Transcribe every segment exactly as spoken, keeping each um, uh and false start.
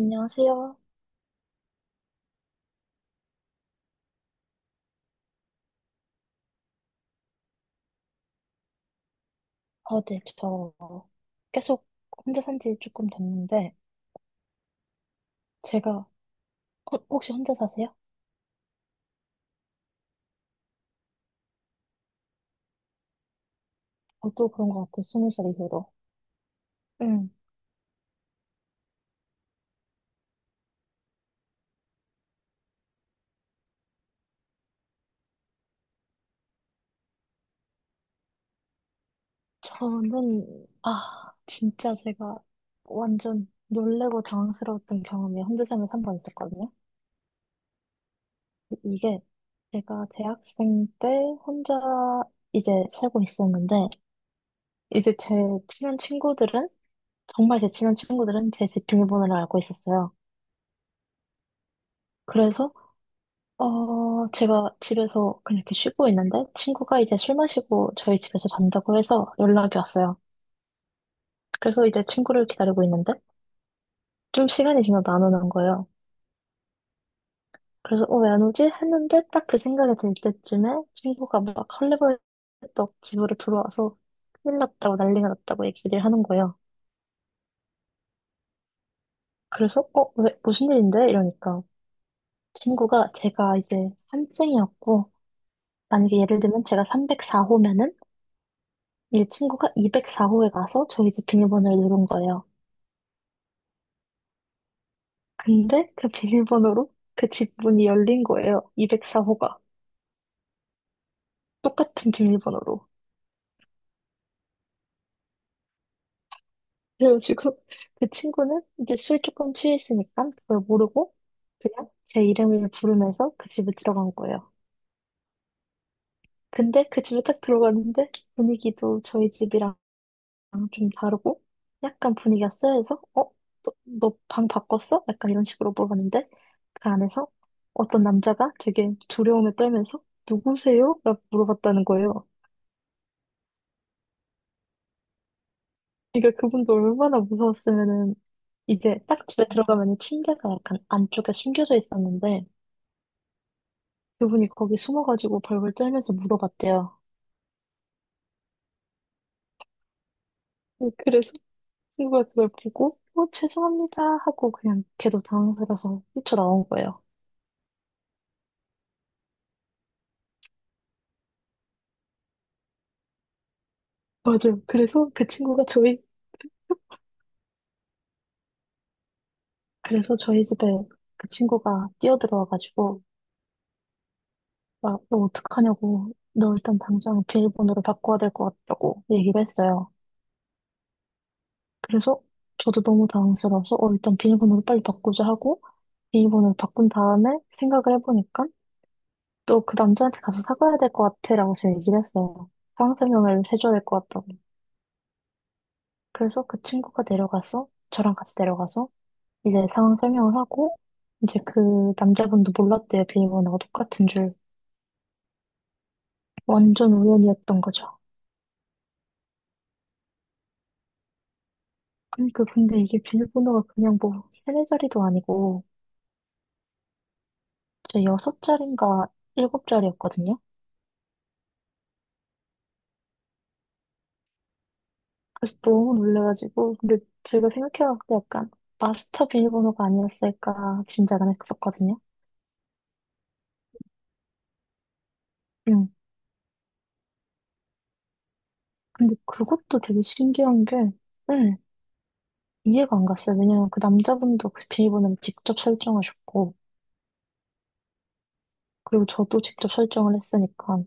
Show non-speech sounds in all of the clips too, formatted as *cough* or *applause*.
안녕하세요. 아, 네, 저 계속 혼자 산지 조금 됐는데, 제가, 어, 혹시 혼자 사세요? 저도 그런 것 같아요, 스무 살 이후로. 응, 저는, 아, 진짜 제가 완전 놀래고 당황스러웠던 경험이 혼자 살면서 한 번 있었거든요. 이- 이게 제가 대학생 때 혼자 이제 살고 있었는데, 이제 제 친한 친구들은, 정말 제 친한 친구들은 제 집 비밀번호를 알고 있었어요. 그래서 어, 제가 집에서 그냥 이렇게 쉬고 있는데 친구가 이제 술 마시고 저희 집에서 잔다고 해서 연락이 왔어요. 그래서 이제 친구를 기다리고 있는데 좀 시간이 지나도 안 오는 거예요. 그래서 어, 왜 안 오지? 했는데 딱 그 생각이 들 때쯤에 친구가 막 헐레벌떡 집으로 들어와서 큰일 났다고 난리가 났다고 얘기를 하는 거예요. 그래서 어, 왜 무슨 일인데? 이러니까 친구가 제가 이제 산증이었고 만약에 예를 들면 제가 삼백사 호면은 이 친구가 이백사 호에 가서 저희 집 비밀번호를 누른 거예요. 근데 그 비밀번호로 그 집 문이 열린 거예요. 이백사 호가. 똑같은 비밀번호로. 그래가지고 *laughs* 그 친구는 이제 술 조금 취했으니까 그걸 모르고 그냥 제 이름을 부르면서 그 집에 들어간 거예요. 근데 그 집에 딱 들어갔는데 분위기도 저희 집이랑 아, 좀 다르고 약간 분위기가 쎄해서 어? 너 방 바꿨어? 약간 이런 식으로 물어봤는데 그 안에서 어떤 남자가 되게 두려움에 떨면서 누구세요? 라고 물어봤다는 거예요. 그러니까 그분도 얼마나 무서웠으면은 이제 딱 집에 들어가면 침대가 약간 안쪽에 숨겨져 있었는데 그분이 거기 숨어가지고 벌벌 떨면서 물어봤대요. 네, 그래서 친구가 그걸 보고 어, 죄송합니다 하고 그냥 걔도 당황스러워서 뛰쳐나온 거예요. 맞아요. 그래서 그 친구가 저희 그래서 저희 집에 그 친구가 뛰어들어와가지고, 막, 너 어떡하냐고, 너 일단 당장 비밀번호를 바꿔야 될 것 같다고 얘기를 했어요. 그래서 저도 너무 당황스러워서, 어, 일단 비밀번호를 빨리 바꾸자 하고, 비밀번호를 바꾼 다음에 생각을 해보니까, 또 그 남자한테 가서 사과해야 될 것 같아라고 제가 얘기를 했어요. 상황 설명을 해줘야 될 것 같다고. 그래서 그 친구가 내려가서, 저랑 같이 내려가서, 이제 상황 설명을 하고, 이제 그 남자분도 몰랐대요. 비밀번호가 똑같은 줄. 완전 우연이었던 거죠. 그러니까 근데 이게 비밀번호가 그냥 뭐 세네 자리도 아니고 제 여섯 자리인가 일곱 자리였거든요. 그래서 너무 놀래가지고 근데 제가 생각해봤을 때 약간 마스터 비밀번호가 아니었을까 짐작은 했었거든요. 응. 근데 그것도 되게 신기한 게 응, 이해가 안 갔어요. 왜냐면 그 남자분도 그 비밀번호를 직접 설정하셨고 그리고 저도 직접 설정을 했으니까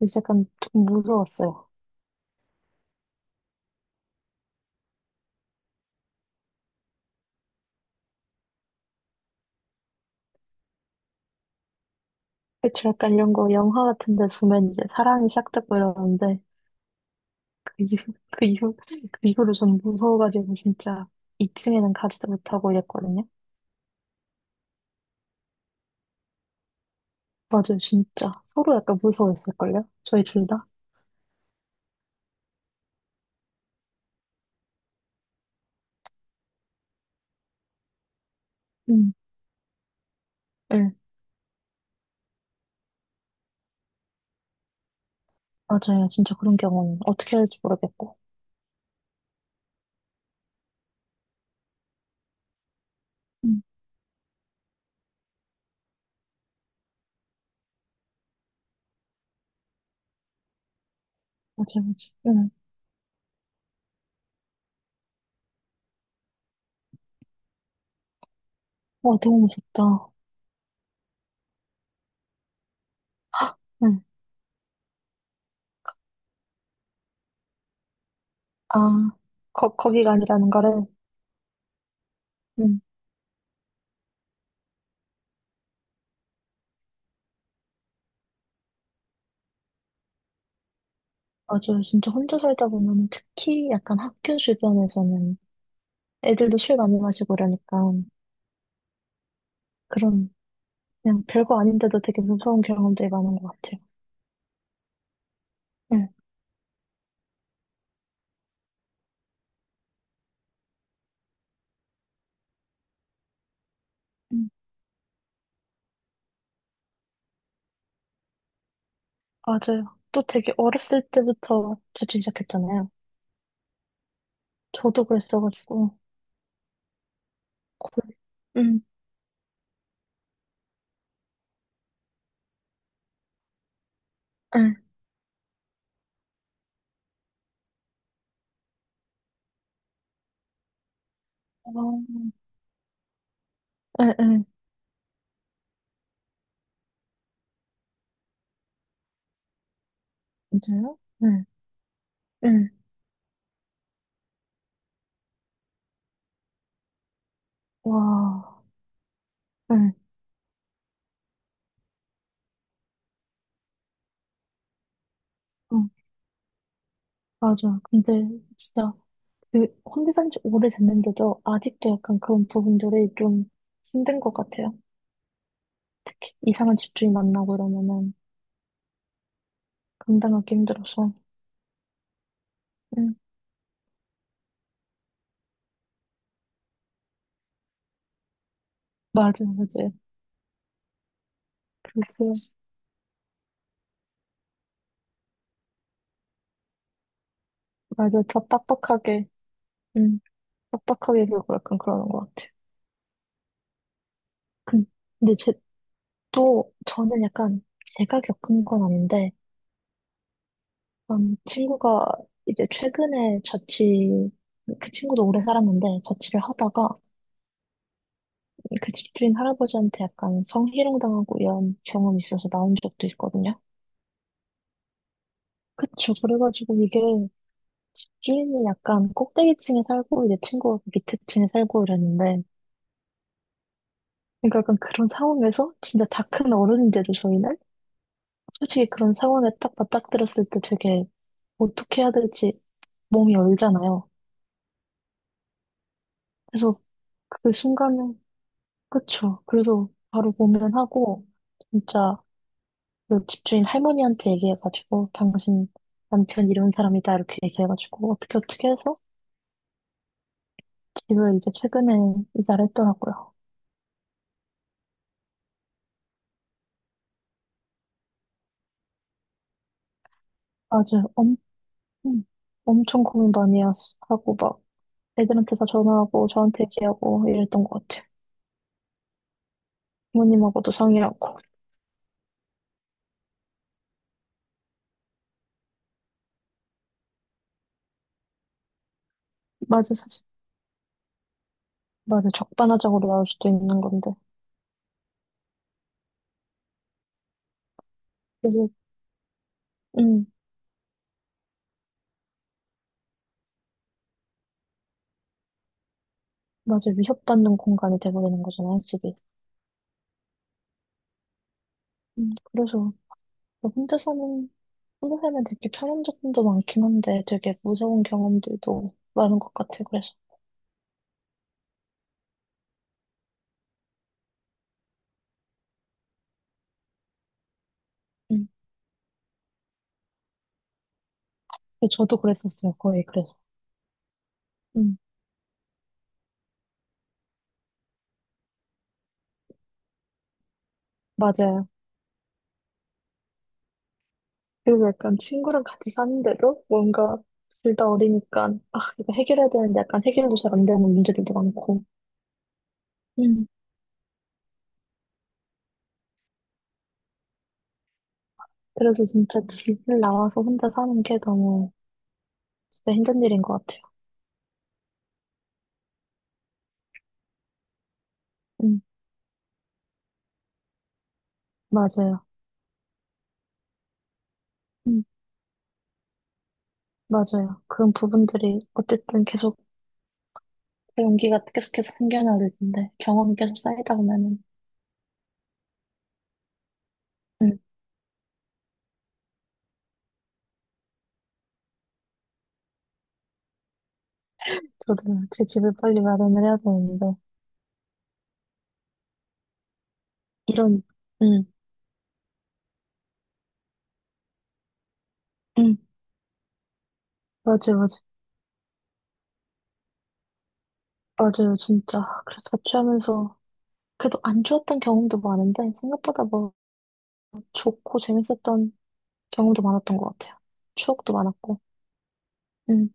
이제 약간 좀 무서웠어요. 그치, 약간 이런 거 영화 같은 데서 보면 이제 사랑이 시작됐고 이러는데, 그 이후, 그 이후, 그 이후로 전 무서워가지고 진짜 이 층에는 가지도 못하고 이랬거든요. 맞아요, 진짜. 서로 약간 무서워했을걸요? 저희 둘 다? 응, 응. 맞아요, 진짜 그런 경험. 어떻게 해야 할지 모르겠고. 응, 맞아요, 맞아요. 응. 와, 너무 무섭다. 응. 아, 거, 거기가 아니라는 거를. 응. 맞아요, 진짜 혼자 살다 보면 특히 약간 학교 주변에서는 애들도 술 많이 마시고 이러니까. 그런 그냥 별거 아닌데도 되게 무서운 경험들이 많은 것 같아요. 응, 응, 맞아요. 또 되게 어렸을 때부터 재충 시작했잖아요. 저도 그랬어가지고. 고... 음. 응, 어, 응, 응, 진짜요? 응, 응. 와, 응, 응, 맞아. 근데 진짜 그 혼자 산지 오래됐는데도 아직도 약간 그런 부분들이 좀 힘든 것 같아요. 특히 이상한 집주인 만나고 이러면은 감당하기 힘들어서. 응, 맞아요, 맞아요. 그게 맞아, 더 빡빡하게, 음, 빡빡하게 굴고 약간 그러는 것 같아요. 근- 근데 제, 또, 저는 약간 제가 겪은 건 아닌데, 음, 친구가 이제 최근에 자취, 그 친구도 오래 살았는데, 자취를 하다가 그 집주인 할아버지한테 약간 성희롱 당하고 이런 경험이 있어서 나온 적도 있거든요. 그쵸. 그래가지고 이게 집주인이 약간 꼭대기 층에 살고, 이제 친구가 그 밑에 층에 살고 이랬는데, 그러니까 약간 그런 상황에서 진짜 다 큰 어른인데도 저희는 솔직히 그런 상황에 딱 맞닥뜨렸을 때 되게 어떻게 해야 될지 몸이 얼잖아요. 그래서 그 순간은, 그쵸. 그래서 바로 보면하고 진짜 그 집주인 할머니한테 얘기해가지고, 당신 남편 이런 사람이다. 이렇게 얘기해가지고, 어떻게 어떻게 해서 집을 이제 최근에 이사를 했더라고요. 맞아요. 엄, 음, 엄청 고민 많이 하스- 하고, 막 애들한테 다 전화하고, 저한테 얘기하고 이랬던 것 같아요. 부모님하고도 상의하고. 맞아, 사실. 맞아. 적반하장으로 나올 수도 있는 건데. 그래서, 음, 맞아. 위협받는 공간이 돼버리는 거잖아, 집이. 음, 그래서, 뭐 혼자 사는, 혼자 살면 되게 편한 점도 많긴 한데, 되게 무서운 경험들도 많은 것 같아, 그래서. 음, 저도 그랬었어요, 거의, 그래서. 음, 맞아요. 그리고 약간 친구랑 같이 사는데도 뭔가 둘 다 어리니까, 아, 이거 해결해야 되는데 약간 해결도 잘 안 되는 문제들도 많고. 음, 그래서 진짜 집을 나와서 혼자 사는 게 너무 진짜 힘든 일인 것 같아요. 음, 맞아요. 음, 맞아요. 그런 부분들이 어쨌든 계속 용기가 계속해서 생겨나야 될 텐데 경험이 계속 쌓이다 보면은 음, 저도 제 집을 빨리 마련을 해야 되는데 이런 음, 음, 맞아요, 맞아요. 맞아요, 진짜. 그래서 같이 하면서 그래도 안 좋았던 경험도 많은데 생각보다 뭐 좋고 재밌었던 경험도 많았던 것 같아요. 추억도 많았고. 음,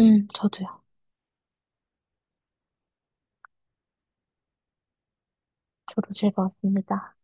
음, 저도요. 저도 즐거웠습니다.